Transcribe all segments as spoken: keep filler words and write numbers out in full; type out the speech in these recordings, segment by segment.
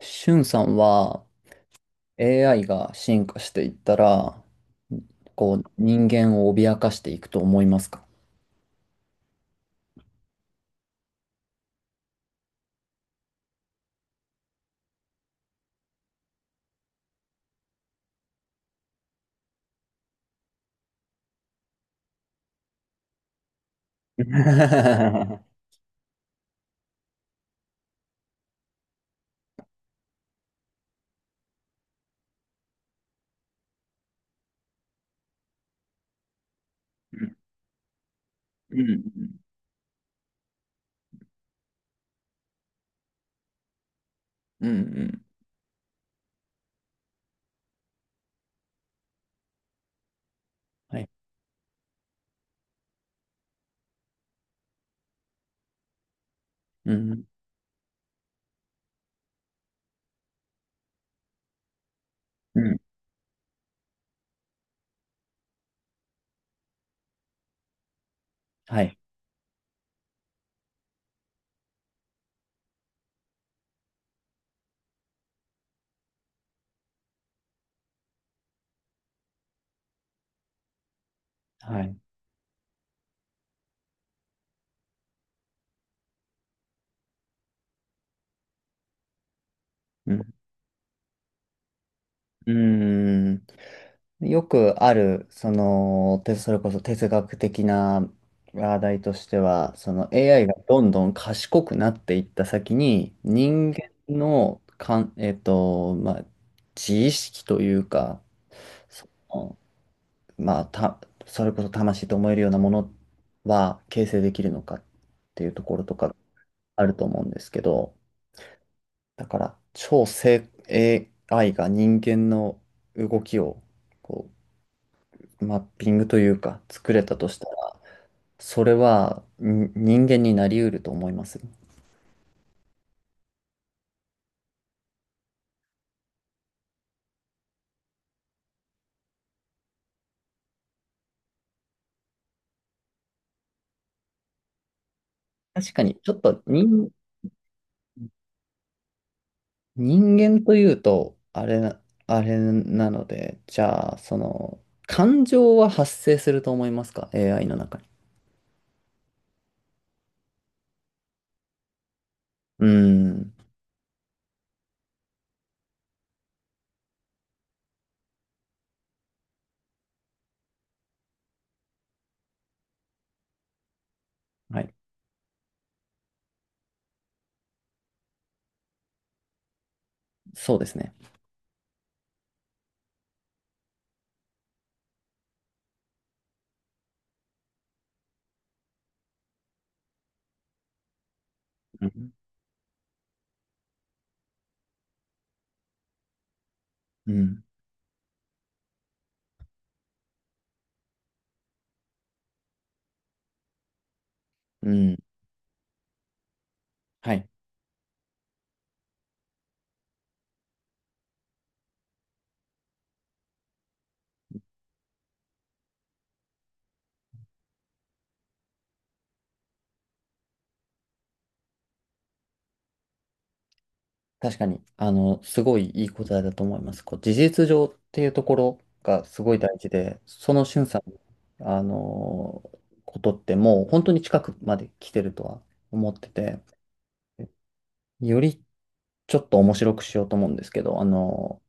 しゅんさんは エーアイ が進化していったら、こう人間を脅かしていくと思いますか？うん。 うん、うん、うん、うん。はい。うん、うん。はい。はい。うん、うん。よくある、その、てそれこそ哲学的な話題としては、その エーアイ がどんどん賢くなっていった先に、人間のかん、えっと、まあ、自意識というか、その、まあ、た、それこそ魂と思えるようなものは形成できるのかっていうところとかあると思うんですけど、だから超正 エーアイ が人間の動きをこマッピングというか作れたとしたら、それはに人間になり得ると思います。確かに、ちょっと人、人間というと、あれな、あれなので、じゃあ、その、感情は発生すると思いますか ?エーアイ の中に。うーん。はい。そうですね。うん。うん。うん。はい。確かに、あの、すごいいい答えだと思います。こう、事実上っていうところがすごい大事で、その俊さんの、あの、ことってもう本当に近くまで来てるとは思ってて、よりちょっと面白くしようと思うんですけど、あの、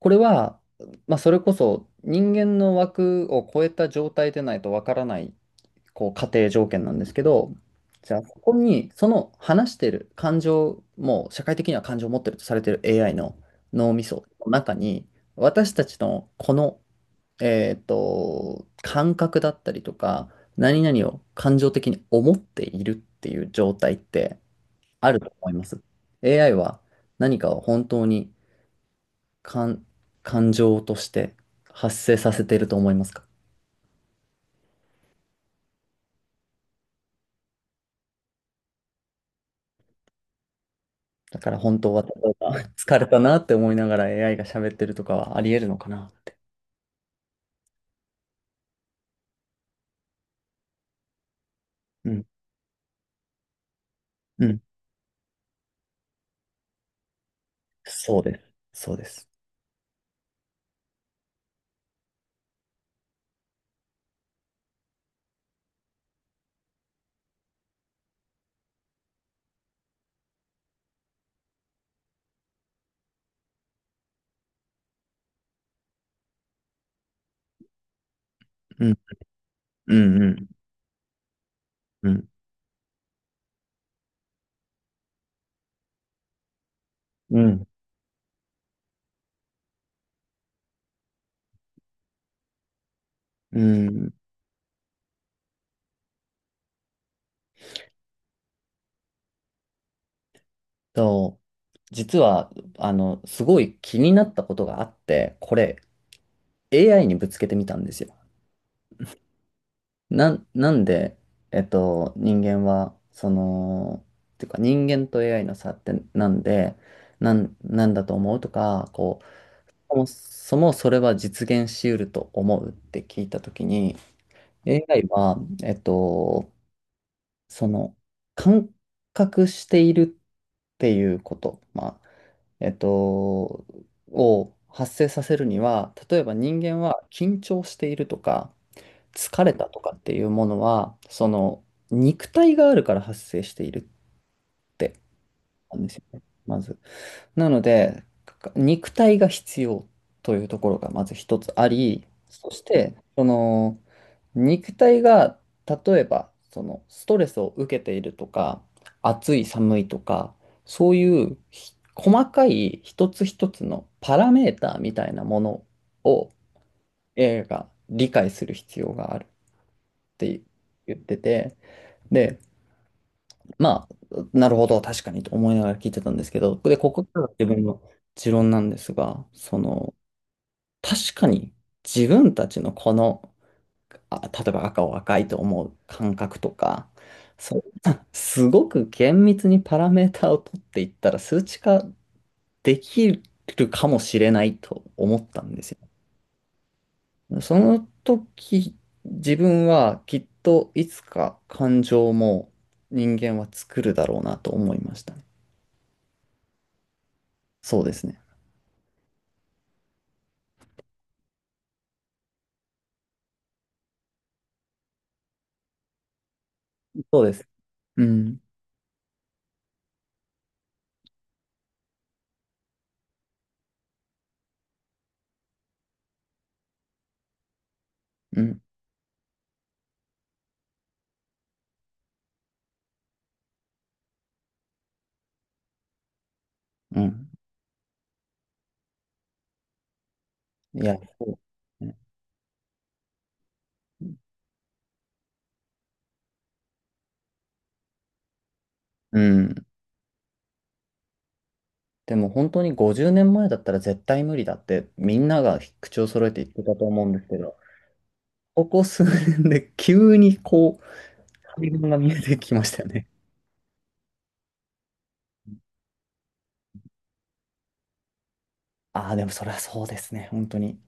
これは、まあ、それこそ人間の枠を超えた状態でないとわからないこう、仮定条件なんですけど、じゃあ、ここに、その話してる感情、もう社会的には感情を持ってるとされてる エーアイ の脳みその中に、私たちのこの、えっと、感覚だったりとか、何々を感情的に思っているっていう状態ってあると思います。エーアイ は何かを本当に感、感情として発生させていると思いますか？だから本当は例えば 疲れたなって思いながら エーアイ が喋ってるとかはあり得るのかなって。うん。うん。そうです。そうです。うん。うん。うん。うん。うん。うん。と、実は、あの、すごい気になったことがあって、これ エーアイ にぶつけてみたんですよ。なん、なんで、えっと、人間は、その、っていうか人間と エーアイ の差ってなんで、なん、なんだと思うとか、こう、そもそもそれは実現し得ると思うって聞いたときに、エーアイ は、えっと、その、感覚しているっていうこと、まあ、えっと、を発生させるには、例えば人間は緊張しているとか、疲れたとかっていうものは、その、肉体があるから発生しているって、なんですよね、まず。なので、か肉体が必要というところがまず一つあり、そして、その肉体が例えばそのストレスを受けているとか、暑い寒いとか、そういうひ細かい一つ一つのパラメーターみたいなものを エーアイ が理解する必要があるって言ってて、で、まあ、なるほど、確かにと思いながら聞いてたんですけど、で、ここからが自分の持論なんですが、その、確かに自分たちのこの、あ、例えば赤を赤いと思う感覚とか、そんな、すごく厳密にパラメータを取っていったら数値化できるかもしれないと思ったんですよ。その時、自分はきっといつか感情も人間は作るだろうなと思いましたね。そうですね。そうです。うん、うん、うん。いや、そうね。うん。でも本当にごじゅうねんまえだったら絶対無理だってみんなが口を揃えて言ってたと思うんですけど、ここ数年で急にこう、対岸が見えてきましたよね。ああ、でもそれはそうですね、本当に。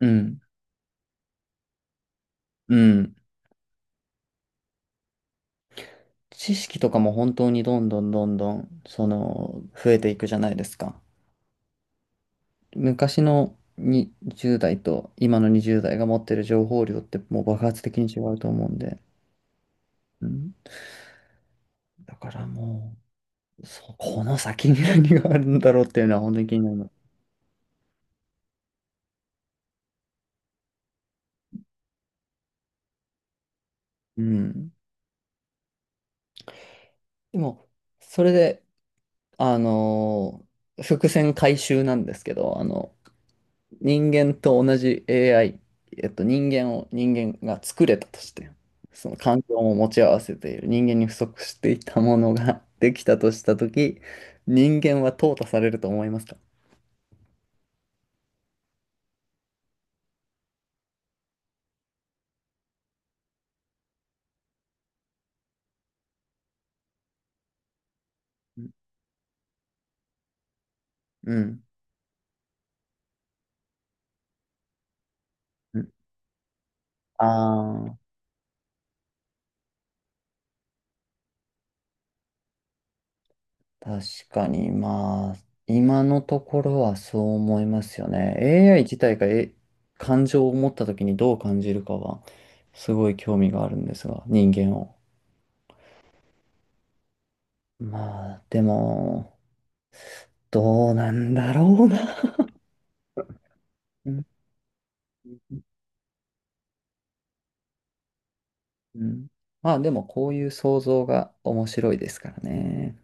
うん、うん。知識とかも本当にどんどんどんどん、その、増えていくじゃないですか。昔のにゼロ代と今のにじゅう代が持ってる情報量ってもう爆発的に違うと思うんで。うん。だからもう、そうこの先に何があるんだろうっていうのは本当に気になるの。うん。でも、それで、あのー伏線回収なんですけど、あの、人間と同じ エーアイ、えっと、人間を人間が作れたとして、その環境を持ち合わせている人間に不足していたものが できたとしたとき、人間は淘汰されると思いますか？うん。うん。ああー。確かに、まあ、今のところはそう思いますよね。エーアイ 自体が、え、感情を持った時にどう感じるかは、すごい興味があるんですが、人間を。まあ、でも、どうなんだろうな。うん。うん、うん。まあ、でも、こういう想像が面白いですからね。